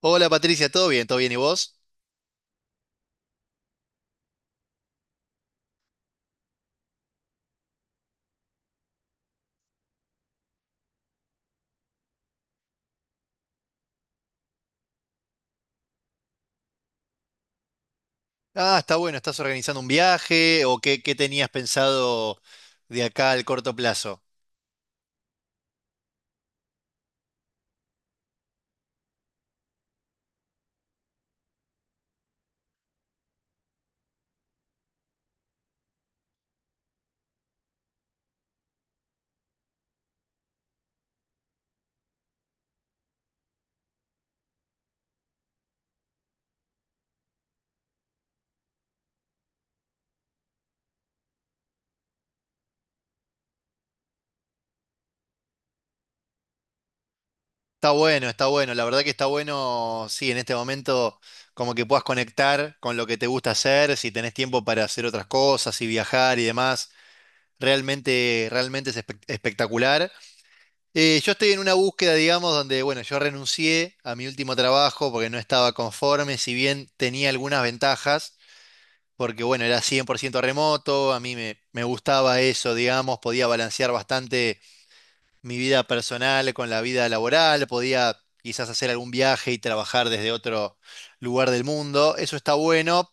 Hola Patricia, ¿todo bien? ¿Todo bien? ¿Y vos? Ah, está bueno, ¿estás organizando un viaje o qué, qué tenías pensado de acá al corto plazo? Está bueno, la verdad que está bueno, sí, en este momento como que puedas conectar con lo que te gusta hacer, si tenés tiempo para hacer otras cosas y viajar y demás, realmente es espectacular. Yo estoy en una búsqueda, digamos, donde, bueno, yo renuncié a mi último trabajo porque no estaba conforme, si bien tenía algunas ventajas. Porque bueno, era 100% remoto, a mí me gustaba eso, digamos, podía balancear bastante mi vida personal con la vida laboral, podía quizás hacer algún viaje y trabajar desde otro lugar del mundo, eso está bueno,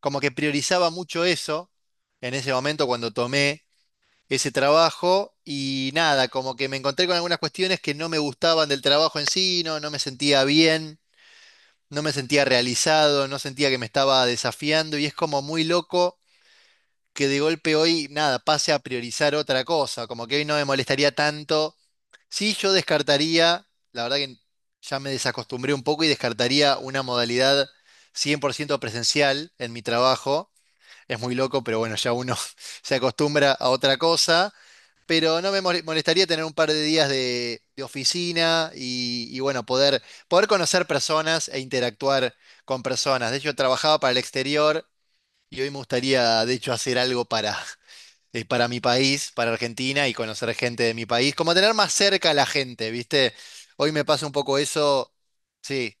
como que priorizaba mucho eso en ese momento cuando tomé ese trabajo y nada, como que me encontré con algunas cuestiones que no me gustaban del trabajo en sí, no, no me sentía bien. No me sentía realizado, no sentía que me estaba desafiando y es como muy loco que de golpe hoy, nada, pase a priorizar otra cosa, como que hoy no me molestaría tanto. Sí, yo descartaría, la verdad que ya me desacostumbré un poco y descartaría una modalidad 100% presencial en mi trabajo. Es muy loco, pero bueno, ya uno se acostumbra a otra cosa. Pero no me molestaría tener un par de días de oficina y bueno, poder, poder conocer personas e interactuar con personas. De hecho, trabajaba para el exterior y hoy me gustaría, de hecho, hacer algo para mi país, para Argentina y conocer gente de mi país, como tener más cerca a la gente, ¿viste? Hoy me pasa un poco eso, sí,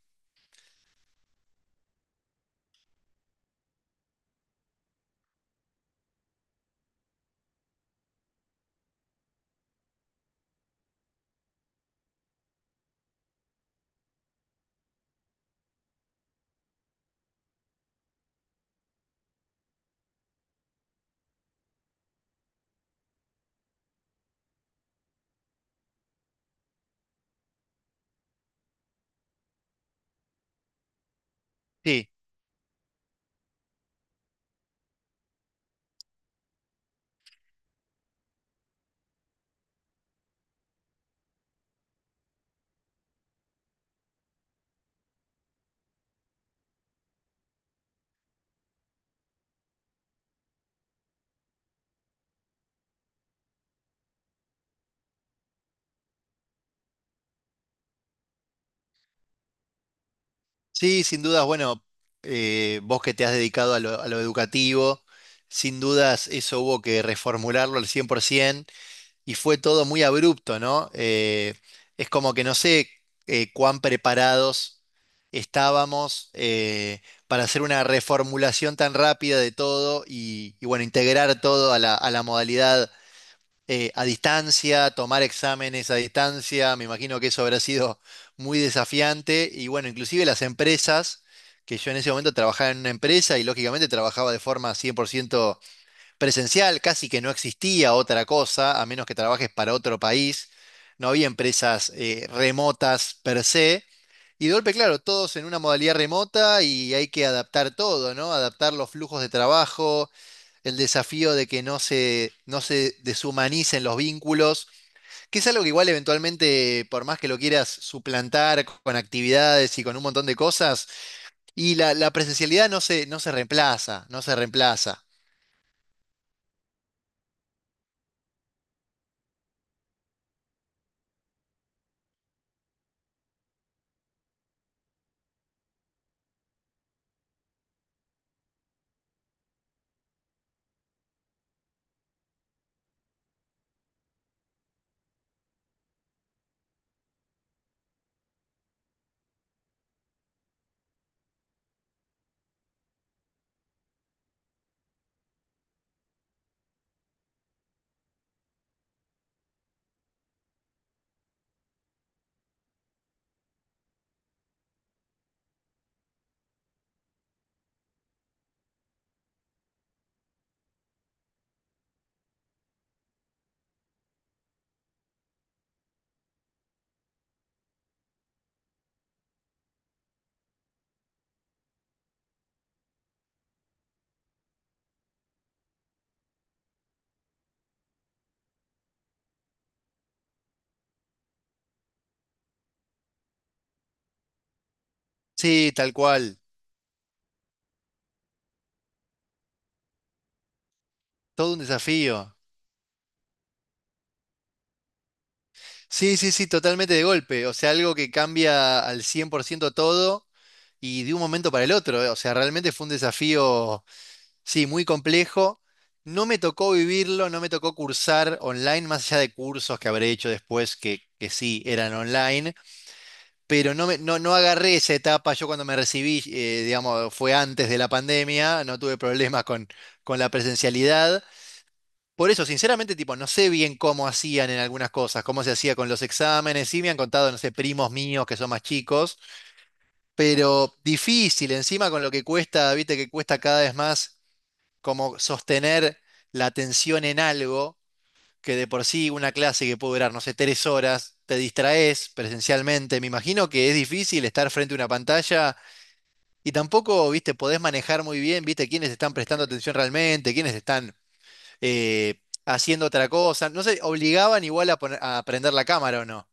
sí, sí, sin dudas, bueno, vos que te has dedicado a lo educativo, sin dudas eso hubo que reformularlo al 100%. Y fue todo muy abrupto, ¿no? Es como que no sé cuán preparados estábamos para hacer una reformulación tan rápida de todo y bueno, integrar todo a la modalidad a distancia, tomar exámenes a distancia, me imagino que eso habrá sido muy desafiante y bueno, inclusive las empresas, que yo en ese momento trabajaba en una empresa y lógicamente trabajaba de forma 100% presencial, casi que no existía otra cosa, a menos que trabajes para otro país. No había empresas remotas per se. Y de golpe, claro, todos en una modalidad remota y hay que adaptar todo, ¿no? Adaptar los flujos de trabajo, el desafío de que no no se deshumanicen los vínculos, que es algo que igual eventualmente, por más que lo quieras suplantar con actividades y con un montón de cosas, y la presencialidad no no se reemplaza, no se reemplaza. Sí, tal cual. Todo un desafío. Sí, sí, sí, totalmente de golpe. O sea, algo que cambia al 100% todo y de un momento para el otro. O sea, realmente fue un desafío, sí, muy complejo. No me tocó vivirlo, no me tocó cursar online, más allá de cursos que habré hecho después que sí eran online, pero no, no, no agarré esa etapa. Yo cuando me recibí, digamos, fue antes de la pandemia, no tuve problemas con la presencialidad. Por eso, sinceramente, tipo, no sé bien cómo hacían en algunas cosas, cómo se hacía con los exámenes. Sí me han contado, no sé, primos míos que son más chicos, pero difícil, encima con lo que cuesta, viste que cuesta cada vez más como sostener la atención en algo, que de por sí una clase que puede durar, no sé, tres horas, te distraes presencialmente. Me imagino que es difícil estar frente a una pantalla y tampoco, viste, podés manejar muy bien, viste, quiénes están prestando atención realmente, quiénes están haciendo otra cosa. No sé, obligaban igual a, a prender la cámara o no.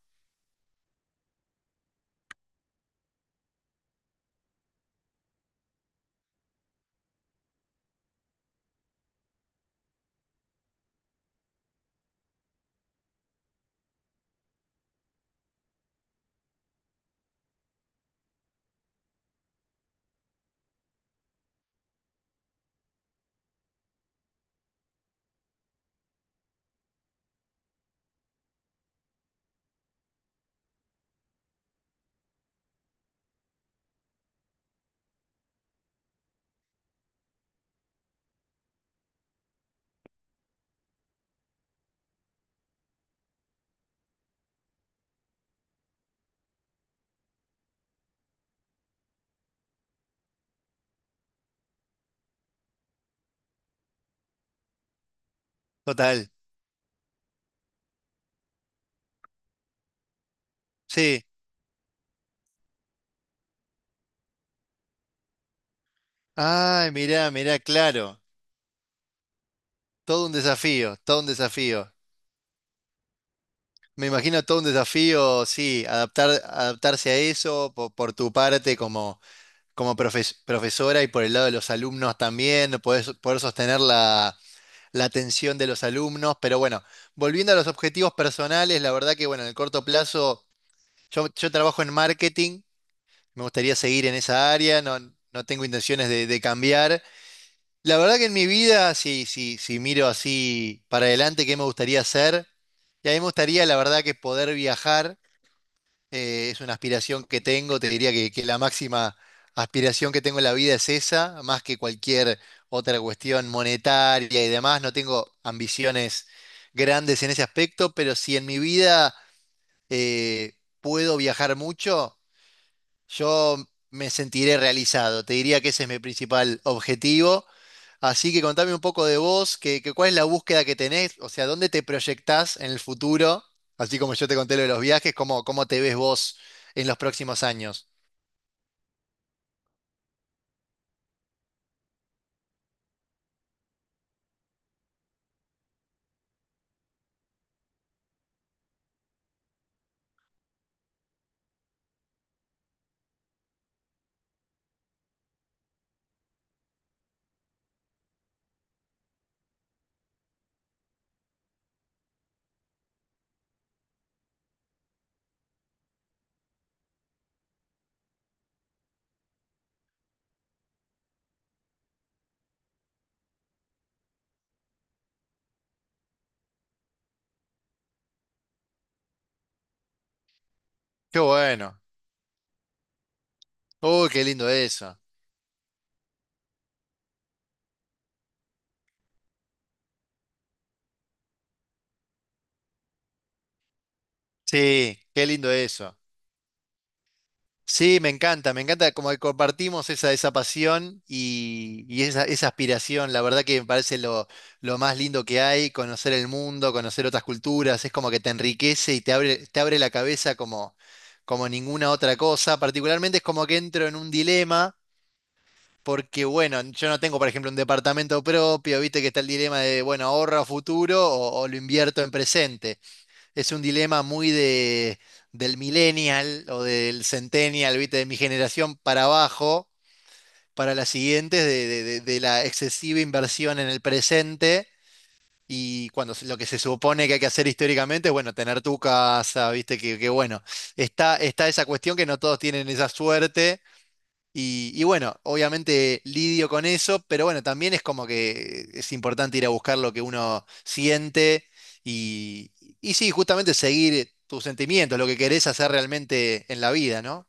Total. Sí. Ay, mirá, claro. Todo un desafío, todo un desafío. Me imagino todo un desafío, sí, adaptar, adaptarse a eso por, tu parte como, como profesora y por el lado de los alumnos también, poder, poder sostener la, la atención de los alumnos. Pero bueno, volviendo a los objetivos personales, la verdad que bueno, en el corto plazo, yo trabajo en marketing. Me gustaría seguir en esa área, no, no tengo intenciones de cambiar. La verdad que en mi vida, si, si, si miro así para adelante, ¿qué me gustaría hacer? Y a mí me gustaría, la verdad, que poder viajar. Eh, es una aspiración que tengo. Te diría que la máxima aspiración que tengo en la vida es esa, más que cualquier otra cuestión monetaria y demás. No tengo ambiciones grandes en ese aspecto, pero si en mi vida eh, puedo viajar mucho. Yo me sentiré realizado, te diría que ese es mi principal objetivo. Así que contame un poco de vos, que cuál es la búsqueda que tenés, o sea, dónde te proyectás en el futuro, así como yo te conté lo de los viajes, cómo, cómo te ves vos en los próximos años. Qué bueno. Uy, qué lindo eso. Sí, qué lindo eso. Sí, me encanta como que compartimos esa, esa pasión y esa aspiración. La verdad que me parece lo más lindo que hay, conocer el mundo, conocer otras culturas, es como que te enriquece y te abre la cabeza como, como ninguna otra cosa. Particularmente es como que entro en un dilema, porque bueno, yo no tengo, por ejemplo, un departamento propio, viste que está el dilema de, bueno, ahorro a futuro o lo invierto en presente. Es un dilema muy de, del millennial o del centennial, ¿viste? De mi generación para abajo, para las siguientes, de la excesiva inversión en el presente y lo que se supone que hay que hacer históricamente es, bueno, tener tu casa, ¿viste? Que bueno, está, está esa cuestión que no todos tienen esa suerte y bueno, obviamente lidio con eso, pero bueno, también es como que es importante ir a buscar lo que uno siente y, y sí, justamente seguir tus sentimientos, lo que querés hacer realmente en la vida, ¿no?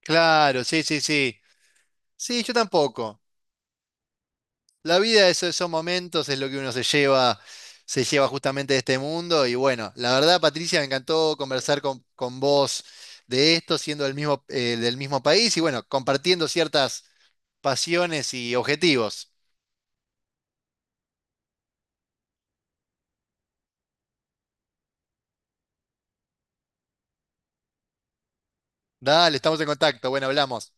Claro, sí, sí, sí. Sí, yo tampoco. La vida es esos momentos, es lo que uno se lleva justamente de este mundo. Y bueno, la verdad, Patricia, me encantó conversar con vos de esto, siendo del mismo país y bueno, compartiendo ciertas pasiones y objetivos. Dale, estamos en contacto. Bueno, hablamos.